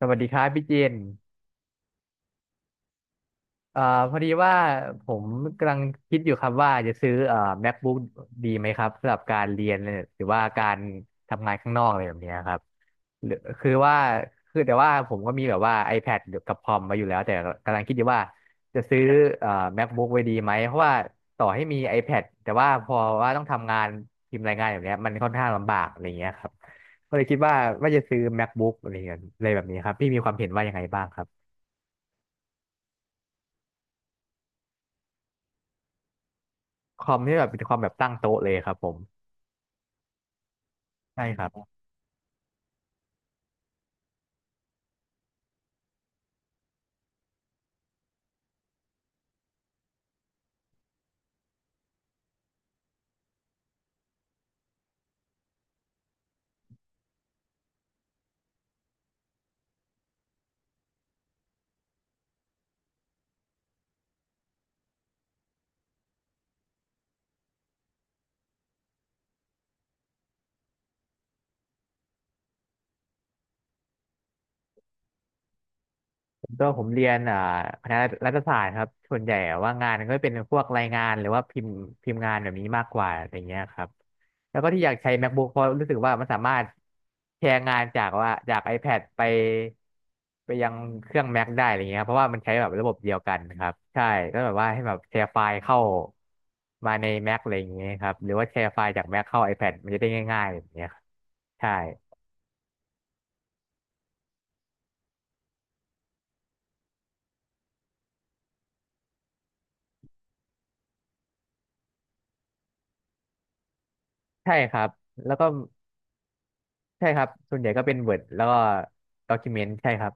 สวัสดีครับพี่เจนเอ่อพอดีว่าผมกำลังคิดอยู่ครับว่าจะซื้อMacBook ดีไหมครับสำหรับการเรียนเนี่ยหรือว่าการทำงานข้างนอกอะไรแบบเนี้ยครับหรือคือว่าคือแต่ว่าผมก็มีแบบว่า iPad กับคอมมาอยู่แล้วแต่กำลังคิดอยู่ว่าจะซื้อเอ่อ MacBook ไว้ดีไหมเพราะว่าต่อให้มี iPad แต่ว่าพอว่าต้องทำงานพิมพ์รายงานแบบเนี้ยมันค่อนข้างลำบากอะไรเงี้ยครับก็เลยคิดว่าจะซื้อ MacBook อะไรเงี้ยอะไรแบบนี้ครับพี่มีความเห็นว่ายังไงบ้างครับ คอมที่แบบเป็นคอมแบบตั้งโต๊ะเลยครับผมใช่ครับผมตัวผมเรียนอ่าคณะรัฐศาสตร์ครับส่วนใหญ่ว่างานก็เป็นพวกรายงานหรือว่าพิมพ์งานแบบนี้มากกว่าอะไรเงี้ยครับแล้วก็ที่อยากใช้ MacBook เพราะรู้สึกว่ามันสามารถแชร์งานจากว่าจาก iPad ไปยังเครื่อง Mac ได้อะไรเงี้ยครับเพราะว่ามันใช้แบบระบบเดียวกันครับใช่ก็แบบว่าให้แบบแชร์ไฟล์เข้ามาใน Mac อะไรอย่างเงี้ยครับหรือว่าแชร์ไฟล์จาก Mac เข้า iPad มันจะได้ง่ายๆแบบเนี้ยครับใช่ ใช่ครับแล้วก็ใช่ครับ ส่วนใหญ่ก็เป็น Word แล้วก็ Document ใช่ครับ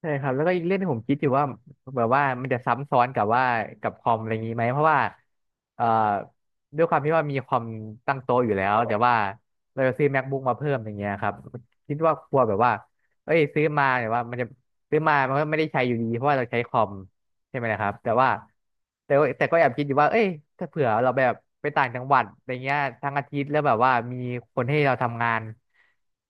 ใช่ครับแล้วก็อีกเรื่องที่ผมคิดอยู่ว่าแบบว่ามันจะซ้ำซ้อนกับว่ากับคอมอะไรอย่างนี้ไหมเพราะว่าเอ่อด้วยความที่ว่ามีคอมตั้งโต๊ะอยู่แล้วแต่ว่าเราจะซื้อ MacBook มาเพิ่มอย่างเงี้ยครับคิดว่ากลัวแบบว่าเอ้ยซื้อมาแต่ว่ามันจะซื้อมามันก็ไม่ได้ใช้อยู่ดีเพราะว่าเราใช้คอม ใช่ไหมนะครับแต่ว่าแต่ก็แอบคิดอยู่ว่าเอ้ยถ้าเผื่อเราแบบไปต่างจังหวัดอะไรเงี้ยทั้งอาทิตย์แล้วแบบว่ามีคนให้เราทำงาน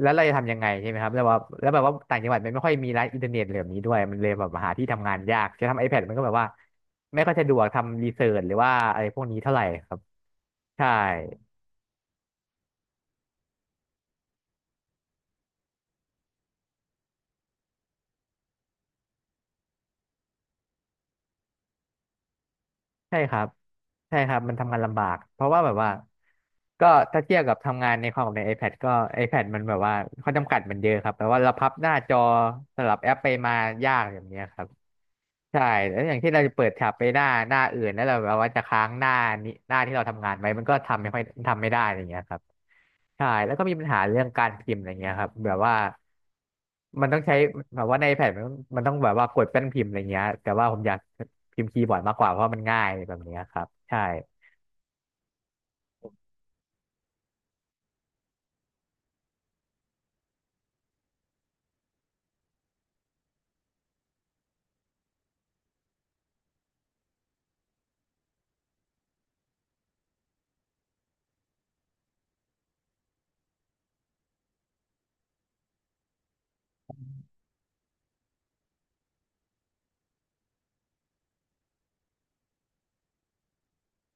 แล้วเราจะทำยังไงใช่ไหมครับแล้วว่าแล้วแบบว่าต่างจังหวัดมันไม่ค่อยมีร้านอินเทอร์เน็ตเหล่านี้ด้วยมันเลยแบบหาที่ทำงานยากจะทำ iPad มันก็แบบว่าไม่ค่อยสะดวกทำรีเสิร์ชหรือว่าอะไรพวกนี้เท่าไหร่ครับใช่ ใช่ครับ ใช่ครับ มันทำงานลำบาก เพราะว่าแบบว่าก็ถ้าเทียบกับทำงานในคอมกับใน iPad ก็ iPad มันแบบว่าข้อจำกัดมันเยอะครับแปลว่าเราพับหน้าจอสลับแอปไปมายากอย่างเนี้ยครับ ใช่แล้วอย่างที่เราจะเปิดแท็บไปหน้าอื่นแล้วเราแบบว่าจะค้างหน้านี้หน้าที่เราทำงานไว้มันก็ทำไม่ค่อยทำไม่ได้อะไรอย่างเงี้ยครับใช่แล้วก็มีปัญหาเรื่องการพิมพ์อะไรเงี้ยครับแบบว่ามันต้องใช้แบบว่าในแผ่นมันต้องแบบว่ากดแป้นพิมพ์อะไรเงี้ยแต่ว่าผมอยากพิมพ์คีย์บอร์ดมากกว่าเพราะมันง่ายแบบเนี้ยครับใช่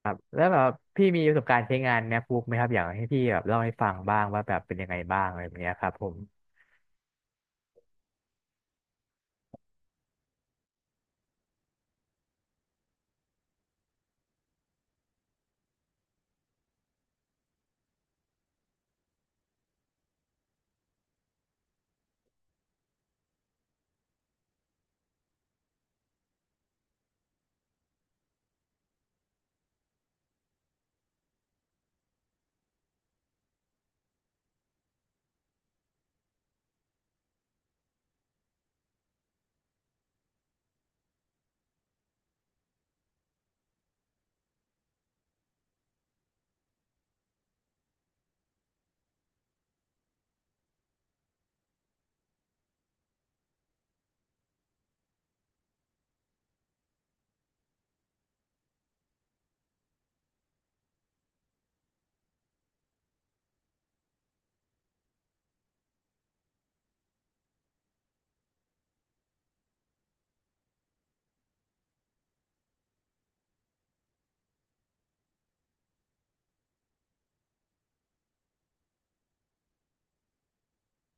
ครับแล้วแบบพี่มีประสบการณ์ใช้งานแมคบุ๊กไหมครับอยากให้พี่แบบเล่าให้ฟังบ้างว่าแบบเป็นยังไงบ้างอะไรแบบเนี้ยครับผม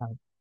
ใช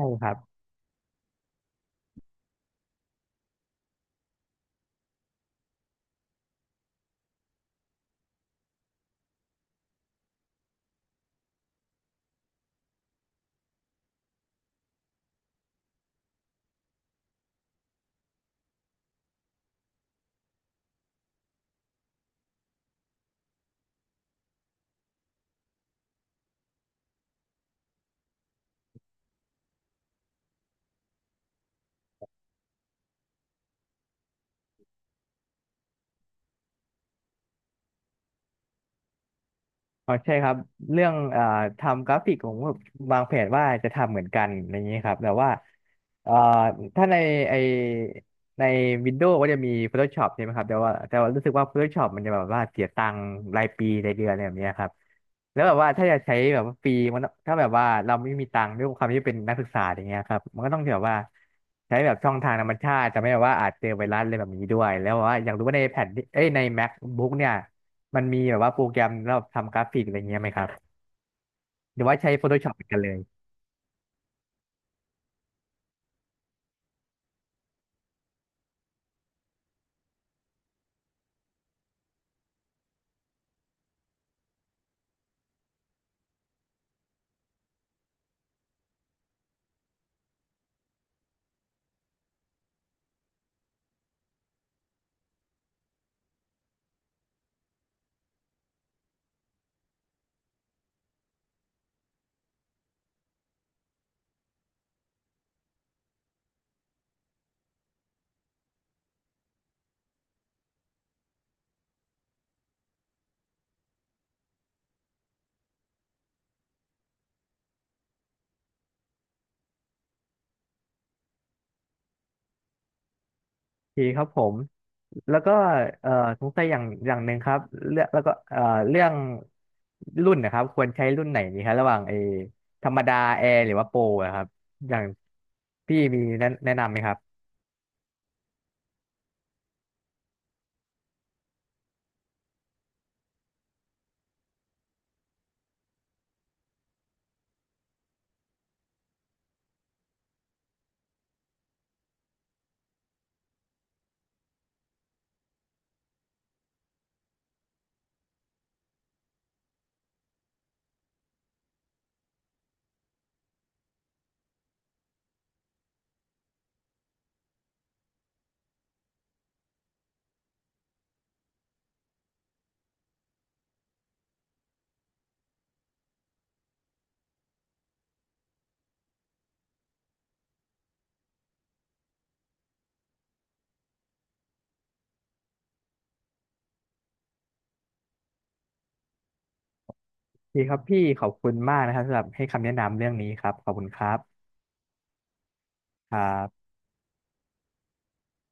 ่ครับ อ๋อใช่ครับเรื่องทำกราฟิกผมก็วางแผนว่าจะทำเหมือนกันอย่างนี้ครับแต่ว่าเอ่อถ้าในไอในวินโดว์ก็จะมี Photoshop ใช่ไหมครับแต่ว่ารู้สึกว่า Photoshop มันจะแบบว่าเสียตังค์รายปีรายเดือนอะไรแบบเนี้ยครับแล้วแบบว่าถ้าจะใช้แบบว่าฟรีมันถ้าแบบว่าเราไม่มีตังค์ด้วยความที่เป็นนักศึกษาอย่างเงี้ยครับมันก็ต้องแบบว่าใช้แบบช่องทางธรรมชาติจะไม่แบบว่าอาจเจอไวรัสอะไรแบบนี้ด้วยแล้วแบบว่าอยากรู้ว่าในแผ่นที่เอ้ยใน MacBook เนี่ย มันมีแบบว่าโปรแกรมสำหรับทำกราฟิกอะไรเงี้ยไหมครับหรือว่าใช้ Photoshop เหมือนกันเลยโอเคครับผมแล้วก็เอ่อสงสัยอย่างหนึ่งครับเรื่องแล้วก็เรื่องรุ่นนะครับควรใช้รุ่นไหนดีครับระหว่างเออธรรมดาแอร์หรือว่าโปรอะครับอย่างพี่มีแนะนำไหมครับพี่ครับพี่ขอบคุณมากนะครับสำหรับให้คำแนะนำเรื่องนี้ครับขอบคุณครับครับ